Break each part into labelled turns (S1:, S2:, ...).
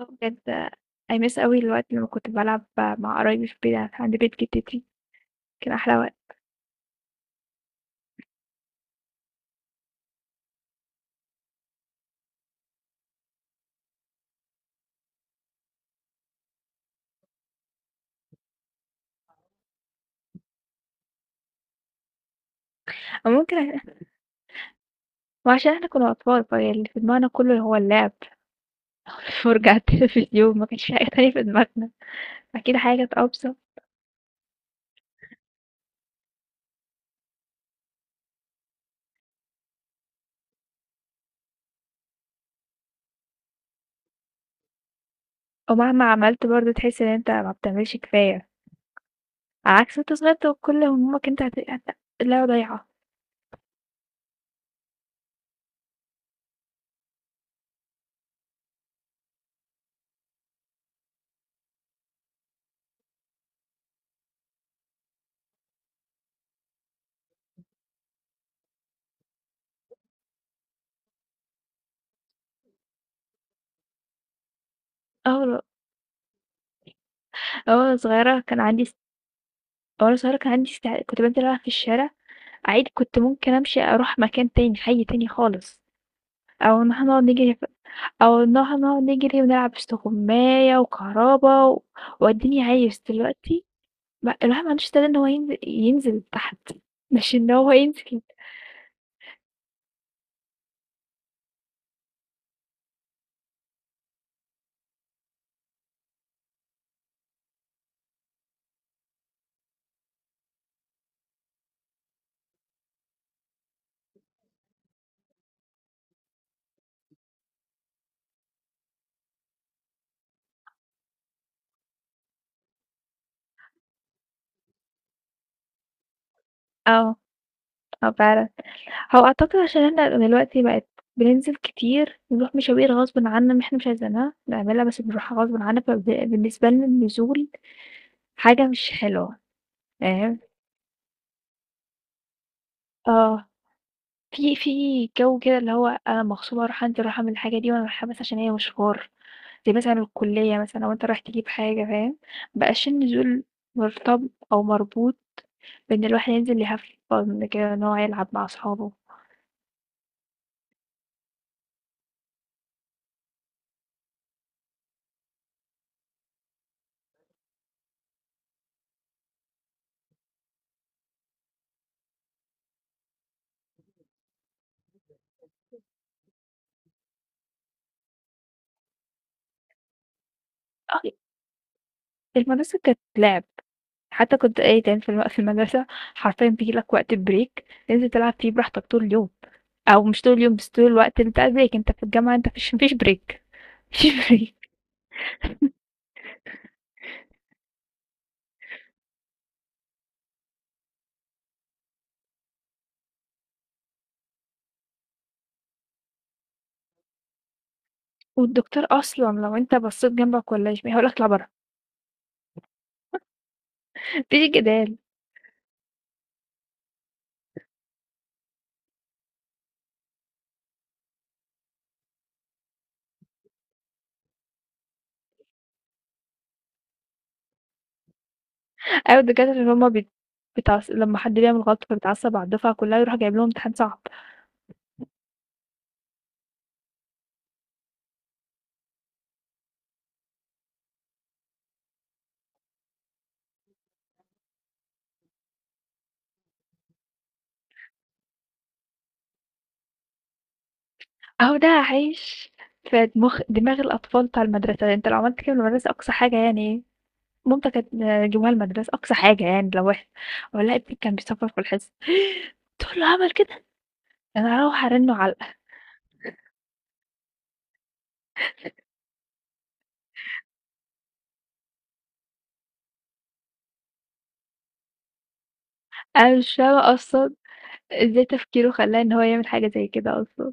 S1: آه بجد I miss أوي الوقت لمّا كنت بالعب مع قرايبي في البيت عند بيت جدتي، كان أحلى وقت. أو ممكن. وعشان إحنا كنا أطفال، فاللي في دماغنا كله هو اللعب. والفرجة على التلفزيون، ما كانش في حاجة تانية في دماغنا. أكيد حاجة كانت أبسط، ومهما عملت برضه تحس إن أنت ما بتعملش كفاية. على عكس وأنت صغير، تبقى كل همومك أنت هت هت اللعبة ضايعة. آه والله. آه، وأنا صغيرة كان عندي كنت بانزل ألعب في الشارع عادي. كنت ممكن أمشي أروح مكان تاني، حي تاني خالص، أو إن إحنا نقعد نجري، أو نجري ونلعب استغماية وكهربا. وأديني عايش دلوقتي ما الواحد ما عندوش استعداد إن هو ينزل تحت، مش إن هو ينزل. آه، آه فعلًا. هو أعتقد عشان إحنا دلوقتي بننزل كتير، بنروح مشاوير غصبٍ عنّا، إحنا مش عايزينها نعملها، بس بنروحها غصبٍ عنّا. بالنسبة لنا النزول حاجة مش حلوة، فاهم؟ آه. في جو كده، اللي هو أنا مغصوبة أروح أنزل، أروح أعمل الحاجة دي وأنا رايحة، بس عشان هي مشوار. زي مثلًا الكلية، مثلًا لو أنت رايح تجيب حاجة، فاهم؟ ما بقاش النزول مرتب أو مربوط بإن الواحد ينزل يhave fun كده، إن هو يلعب مع أصحابه. آه. المدرسة كانت لعب. حتى كنت إيه، كان في المدرسة حرفيًا بييجي لك وقت بريك، تنزل تلعب فيه براحتك طول اليوم، أو مش طول اليوم، بس طول الوقت بتاع البريك. أنت في الجامعة أنت ما فيش بريك، ما فيش بريك. والدكتور أصلًا لو أنت بصيت جنبك والّا يمين، هيقول لك اطلع برّه. ما فيش جدال. أيوه الدكاترة اللي هُم بيت بيتعص لمّا حد بيعمل غلط، فبيتعصب على الدفعة كلّها، يروح جايب لهم امتحان صعب. أهو ده هيعيش في مخ دماغ الأطفال بتاع المدرسة. أنت لو عملت كده في المدرسة، أقصى حاجة يعني مامتي كانت جايباها المدرسة. أقصى حاجة يعني لو إحنا، أقول لها ابنِك كان بيصفّر في الحصة، تقول له عمل كده! أنا هاروّح أرنّه علقة. أنا مش فاهمة أصلًا إزاي تفكيره خلّاه إن هو يعمل حاجة زي كده أصلًا.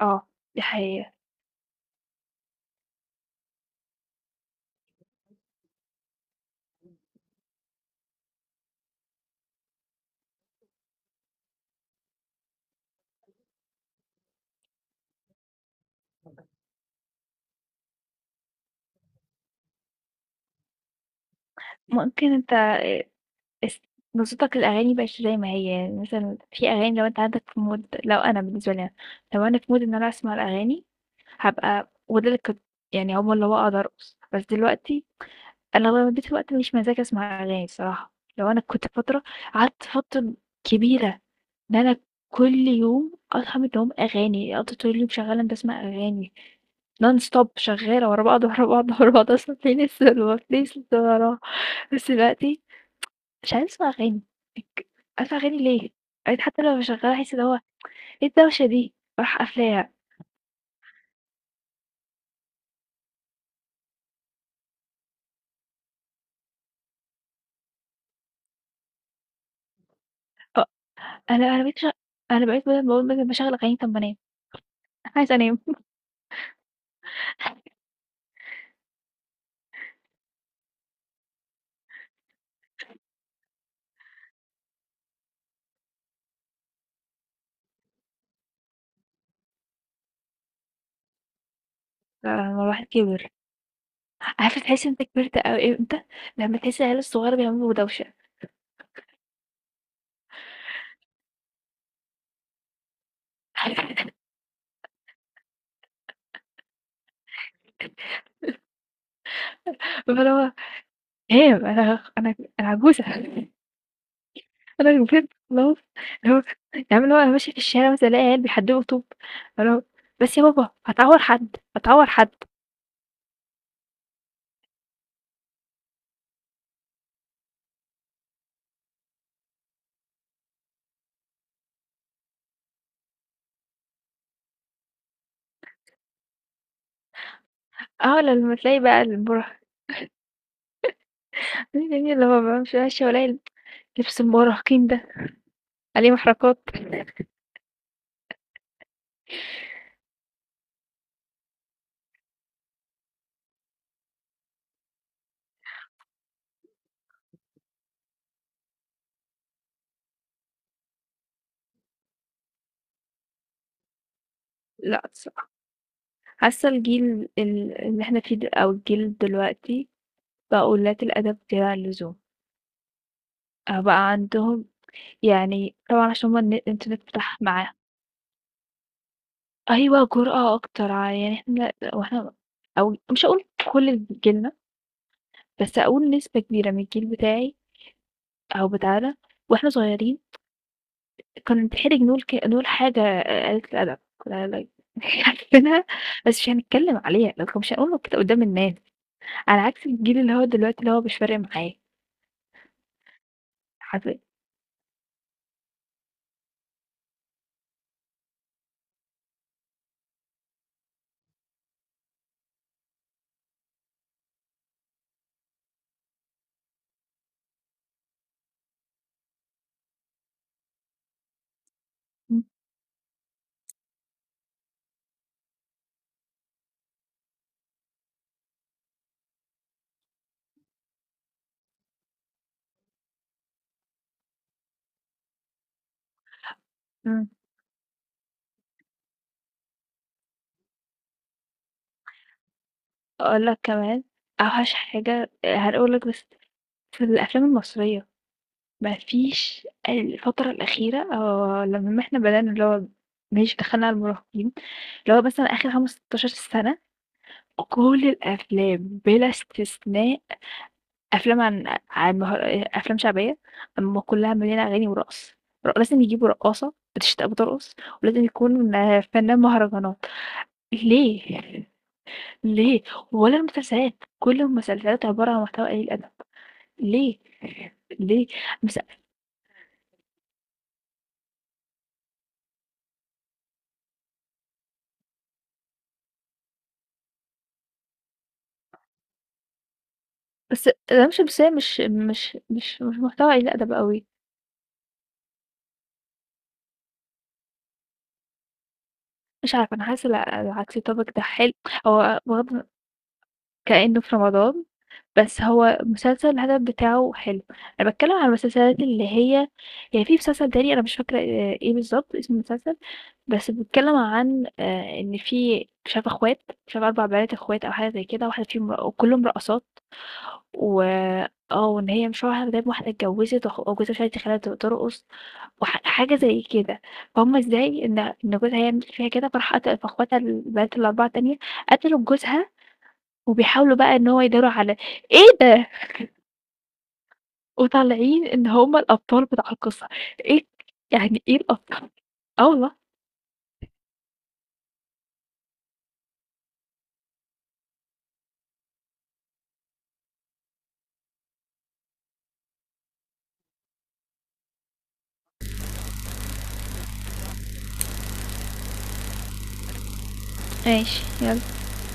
S1: آه، دي حقيقة. ممكن أنت اس بالضبط الأغاني بقِت زي ما هي. يعني مثلًا في أغاني، لو أنت عندك في mood، لو أنا بالنسبة لي أنا، لو أنا في mood إن أنا أسمع الأغاني، هابقى وده اللي كنت، يعني عقبال اللي هو أقدر أرقص. بس دلوقتي أنا أغلبية الوقت مش مزاجي أسمع أغاني الصراحة. لو أنا كنت قعدت فترة كبيرة إن أنا كل يوم أصحى من النوم أغاني، أقضي طول اليوم شغّالة باسمع أغاني non stop، شغّالة ورا بعض، ورا بعض، ورا بعض، أصلا playlist ورا playlist وراه. بس دلوقتي مش عايزة أسمع أغاني، اك أسمع أغاني ليه؟ بقيت حتى لو مشغّلاها أحس اللي هو إيه الدوشة دي؟ أروح قافلاها. أ أنا أنا بقيت مش، أنا بقيت بدل ما أقول مثلًا باشغّل أغاني، طَب ما أنام. عايزة أنام. فلمّا الواحد كِبِر، عارفة تحس إن أنت كبرت أوي إمتى؟ لمّا تحس العيال الصغيرة بيعملوا دوشة. فاللي هو هام أنا عجوزة. أنا كبرت خلاص. اللي هو يعني اللي هو أنا ماشية في الشارع مثلًا، ألاقي عيال بيحدّفوا طوب، اللي هو بس يا بابا هتعور حد، هتعور حد. آه، لمّا تلاقي بقى المُرهق، يعني اللي هو بقى مش ماشية والاقي لبس المراهقين ده عليه محركات. لأ الصراحة حاسة الجيل اللي احنا فيه د أو الجيل دلوقتي بقوا قُلّات الأدب زيادة عن اللزوم. آه بقى عندهم، يعني طبعًا عشان هُم الإنترنت فتح معاهم. أيوه جرأة أكتر، يعني إحنا وإحنا، أو مش هاقول كل جيلنا، بس هاقول نسبة كبيرة من الجيل بتاعي أو بتاعنا، وإحنا صغيرين كنت هنحرج نقول نقول حاجة قليلة الأدب. لا لا، عارفينها، بس مش هنتكلم عليها، لكن مش هنقولها كده قدام الناس. على عكس الجيل اللي هو دلوقتي اللي هو مش فارق معاه حرفيًا. إمم، إمم، أقول لك كمان أوحش حاجة هاقول لك، بس في الأفلام المصرية، ما فيش الفترة الأخيرة، لمّا إحنا بدأنا اللي هو ماشي دخلنا على المراهقين، اللي هو مثلًا آخر 15 سنة، كل الأفلام بلا استثناء، افلام عن مهر... افلام شعبيه، اما كلها مليانه اغاني ورقص، لازم يجيبوا رقاصه بترقص، ولازم يكون فنان مهرجانات. ليه؟ ليه؟ ولا المسلسلات، كل المسلسلات عباره عن محتوى قليل ادب. ليه؟ ليه؟ بس بس ده مش بس، هي مش محتوى قليل ادب قوي. مش عارفه انا حاسه العكس الطبق ده حلو. هو واخد كأنه في رمضان، بس هو مسلسل الهدف بتاعه حلو. انا بتكلم على المسلسلات اللي هي، يعني في مسلسل تاني انا مش فاكره ايه بالظبط اسم المسلسل، بس بيتكلم عن ان في شاف اخوات، شاف اربع بنات اخوات او حاجه زي كده، واحده فيهم وكلهم رقصات، و اه وان هي مش واحده، دايما واحده اتجوزت وجوزها مش عارف يخليها ترقص، وحاجه زي كده. فهم ازاي ان جوزها يعمل فيها كده، فراح قتل فاخواتها البنات الاربعه التانيه، قتلوا جوزها، وبيحاولوا بقى ان هو يداروا على. ايه ده. وطالعين إن هُم الأبطال بتاع القصة. إيه؟ يعني إيه الأبطال؟ آه والله. ماشي، يلا.